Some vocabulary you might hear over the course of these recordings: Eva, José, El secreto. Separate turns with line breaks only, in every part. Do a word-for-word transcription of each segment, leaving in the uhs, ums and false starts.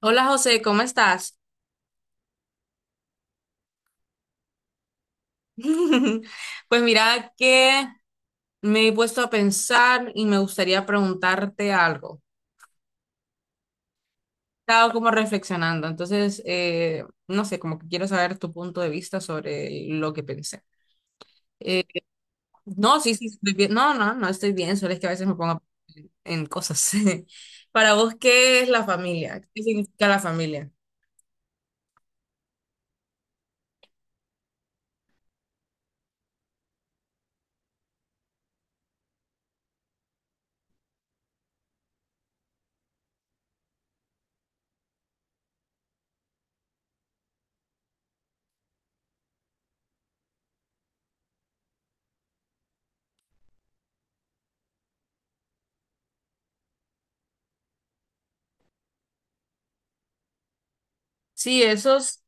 Hola José, ¿cómo estás? Pues mira que me he puesto a pensar y me gustaría preguntarte algo. Estaba como reflexionando, entonces eh, no sé, como que quiero saber tu punto de vista sobre lo que pensé. Eh, no, sí, sí, estoy bien. No, no, no estoy bien, solo es que a veces me pongo a pensar en cosas. Para vos, ¿qué es la familia? ¿Qué significa la familia? Sí, eso es-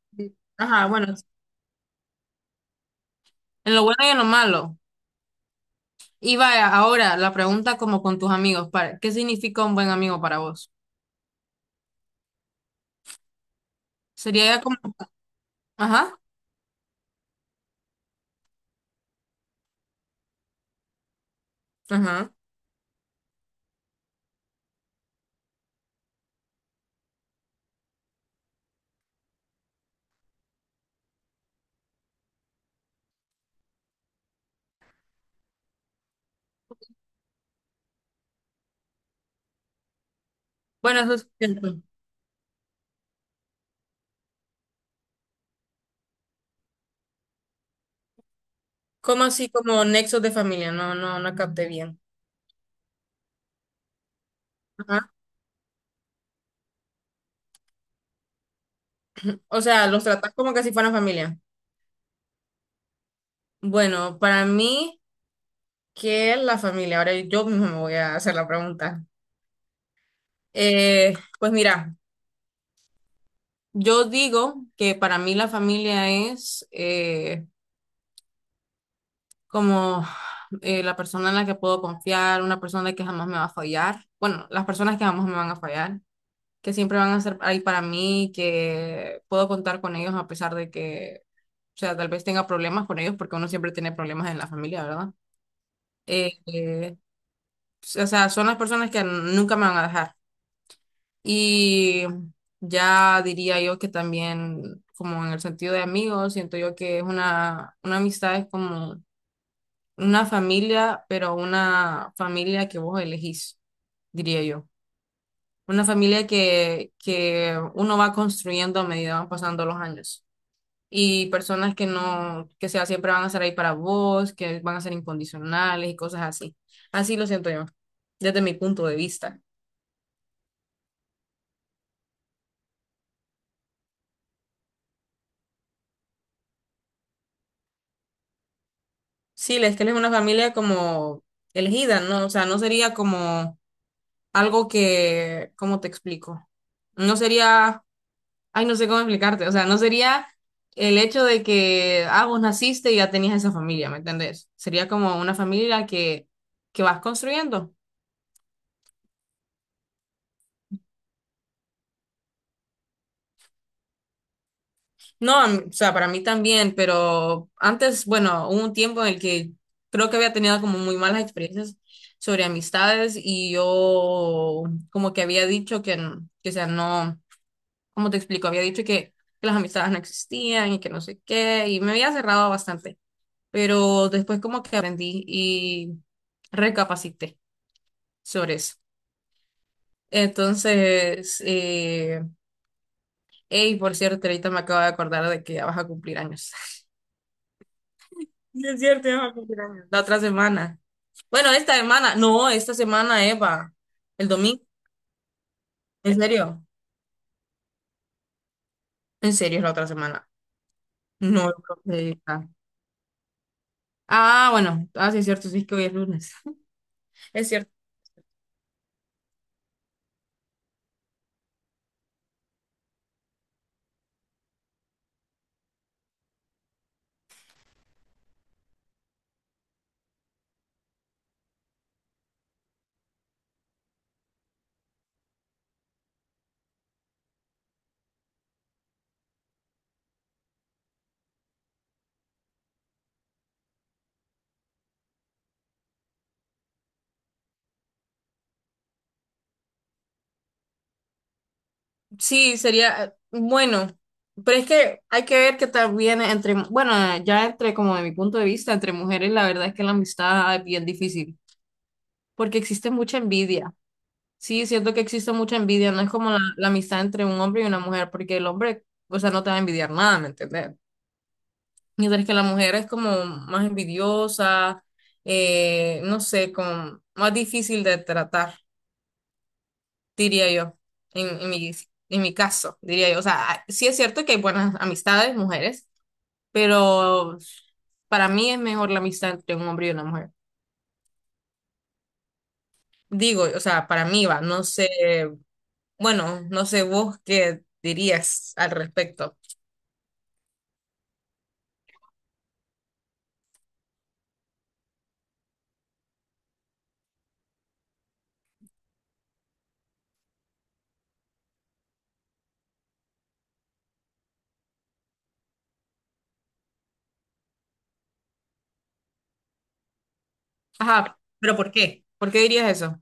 ajá, bueno, en lo bueno y en lo malo. Y vaya, ahora la pregunta como con tus amigos, para, ¿qué significa un buen amigo para vos? Sería ya como, ajá, ajá. Bueno, eso es cierto. ¿Como así como nexos de familia? No, no, no capté bien. Ajá. O sea, ¿los tratás como que si fueran familia? Bueno, para mí, ¿qué es la familia? Ahora yo mismo me voy a hacer la pregunta. Eh, pues mira, yo digo que para mí la familia es, eh, como eh, la persona en la que puedo confiar, una persona que jamás me va a fallar. Bueno, las personas que jamás me van a fallar, que siempre van a estar ahí para mí, que puedo contar con ellos a pesar de que, o sea, tal vez tenga problemas con ellos, porque uno siempre tiene problemas en la familia, ¿verdad? Eh, eh, pues, o sea, son las personas que nunca me van a dejar. Y ya diría yo que también, como en el sentido de amigos, siento yo que es una, una amistad es como una familia, pero una familia que vos elegís, diría yo. Una familia que, que uno va construyendo a medida van pasando los años. Y personas que no, que sea, siempre van a estar ahí para vos, que van a ser incondicionales y cosas así. Así lo siento yo, desde mi punto de vista. Sí, es que él es una familia como elegida, ¿no? O sea, no sería como algo que, ¿cómo te explico? No sería... Ay, no sé cómo explicarte. O sea, no sería el hecho de que, ah, vos naciste y ya tenías esa familia, ¿me entendés? Sería como una familia que, que vas construyendo. No, a mí- o sea, para mí también, pero antes, bueno, hubo un tiempo en el que creo que había tenido como muy malas experiencias sobre amistades y yo como que había dicho que, n- que o sea, no, ¿cómo te explico? Había dicho que, que las amistades no existían y que no sé qué, y me había cerrado bastante. Pero después como que aprendí y recapacité sobre eso. Entonces, eh, hey, por cierto, ahorita me acabo de acordar de que ya vas a cumplir años. Sí, es cierto, ya va a cumplir años. La otra semana. Bueno, esta semana. No, esta semana, Eva. El domingo. ¿En serio? En serio, es la otra semana. No, creo que- ah, ah, bueno. Ah, sí, es cierto. Sí, es que hoy es lunes. Es cierto. Sí, sería eh, bueno, pero es que hay que ver que también entre, bueno, ya entre como de mi punto de vista, entre mujeres la verdad es que la amistad es bien difícil, porque existe mucha envidia. Sí, siento que existe mucha envidia, no es como la, la amistad entre un hombre y una mujer, porque el hombre, o sea, no te va a envidiar nada, ¿me entiendes? Mientras que la mujer es como más envidiosa, eh, no sé, como más difícil de tratar, diría yo, en, en mi, en mi caso, diría yo. O sea, ah, sí es cierto que hay buenas amistades, mujeres, pero para mí es mejor la amistad entre un hombre y una mujer. Digo, o sea, para mí va, no sé, bueno, no sé vos qué dirías al respecto. Ajá, pero ¿por qué? ¿Por qué dirías eso?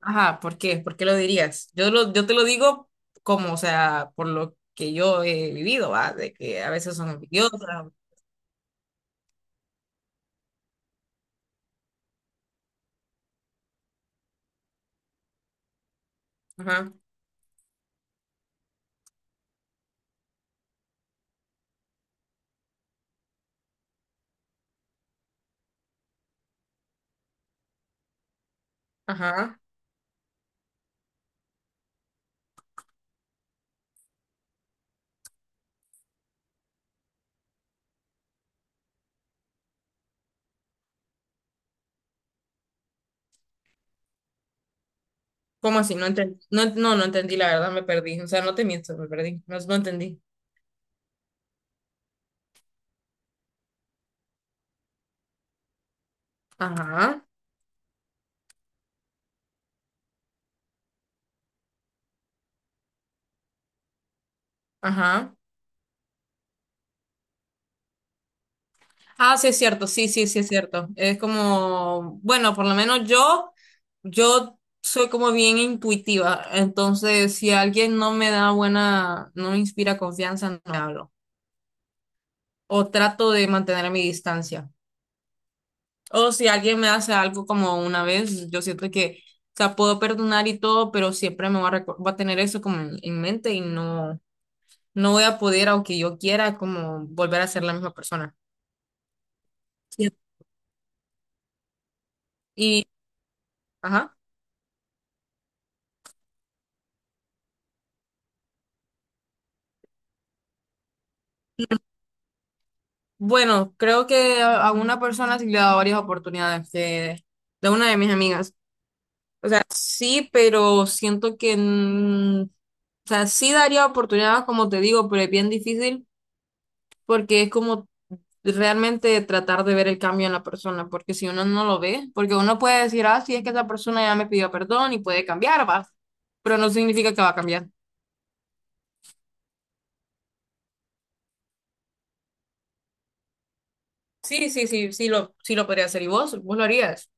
Ajá, ¿por qué? ¿Por qué lo dirías? Yo, lo, yo te lo digo como, o sea, por lo que yo he vivido, va, de que a veces son envidiosas. Ajá, ajá. ¿Cómo así? No entendí. No, no, no entendí, la verdad, me perdí. O sea, no te miento, me perdí. No, no entendí. Ajá, ajá. Ah, sí, es cierto, sí, sí, sí, es cierto. Es como, bueno, por lo menos yo, yo soy como bien intuitiva. Entonces, si alguien no me da buena, no me inspira confianza, no le hablo. O trato de mantener mi distancia. O si alguien me hace algo como una vez, yo siento que, o sea, puedo perdonar y todo, pero siempre me va a, recor- va a tener eso como en en mente y no, no voy a poder, aunque yo quiera, como volver a ser la misma persona. Sí. Y, ajá. Bueno, creo que a a una persona sí le he dado varias oportunidades de, de una de mis amigas. O sea, sí, pero siento que, mm, o sea, sí daría oportunidades, como te digo, pero es bien difícil porque es como realmente tratar de ver el cambio en la persona, porque si uno no lo ve, porque uno puede decir, ah, sí, es que esa persona ya me pidió perdón y puede cambiar, va, pero no significa que va a cambiar. Sí, sí, sí, sí lo, sí lo podría hacer. ¿Y vos? ¿Vos lo harías?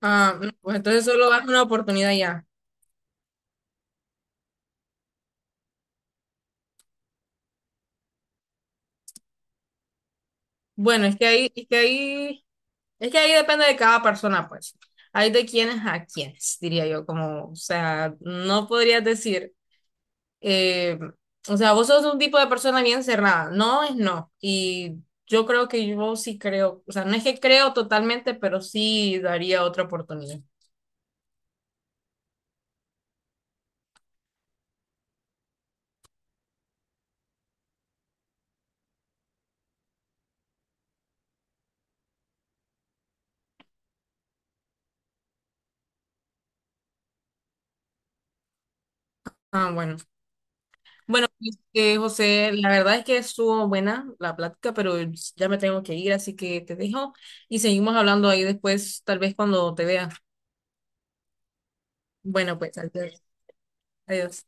Ah, no, pues entonces solo das una oportunidad ya. Bueno, es que ahí, es que ahí, es que ahí depende de cada persona, pues. Hay de quienes a quienes, diría yo, como, o sea, no podrías decir, eh, o sea, vos sos un tipo de persona bien cerrada, no es no. Y yo creo que yo sí creo, o sea, no es que creo totalmente, pero sí daría otra oportunidad. Ah, bueno. Bueno, este, José, la verdad es que estuvo buena la plática, pero ya me tengo que ir, así que te dejo y seguimos hablando ahí después, tal vez cuando te vea. Bueno, pues, adiós. Adiós.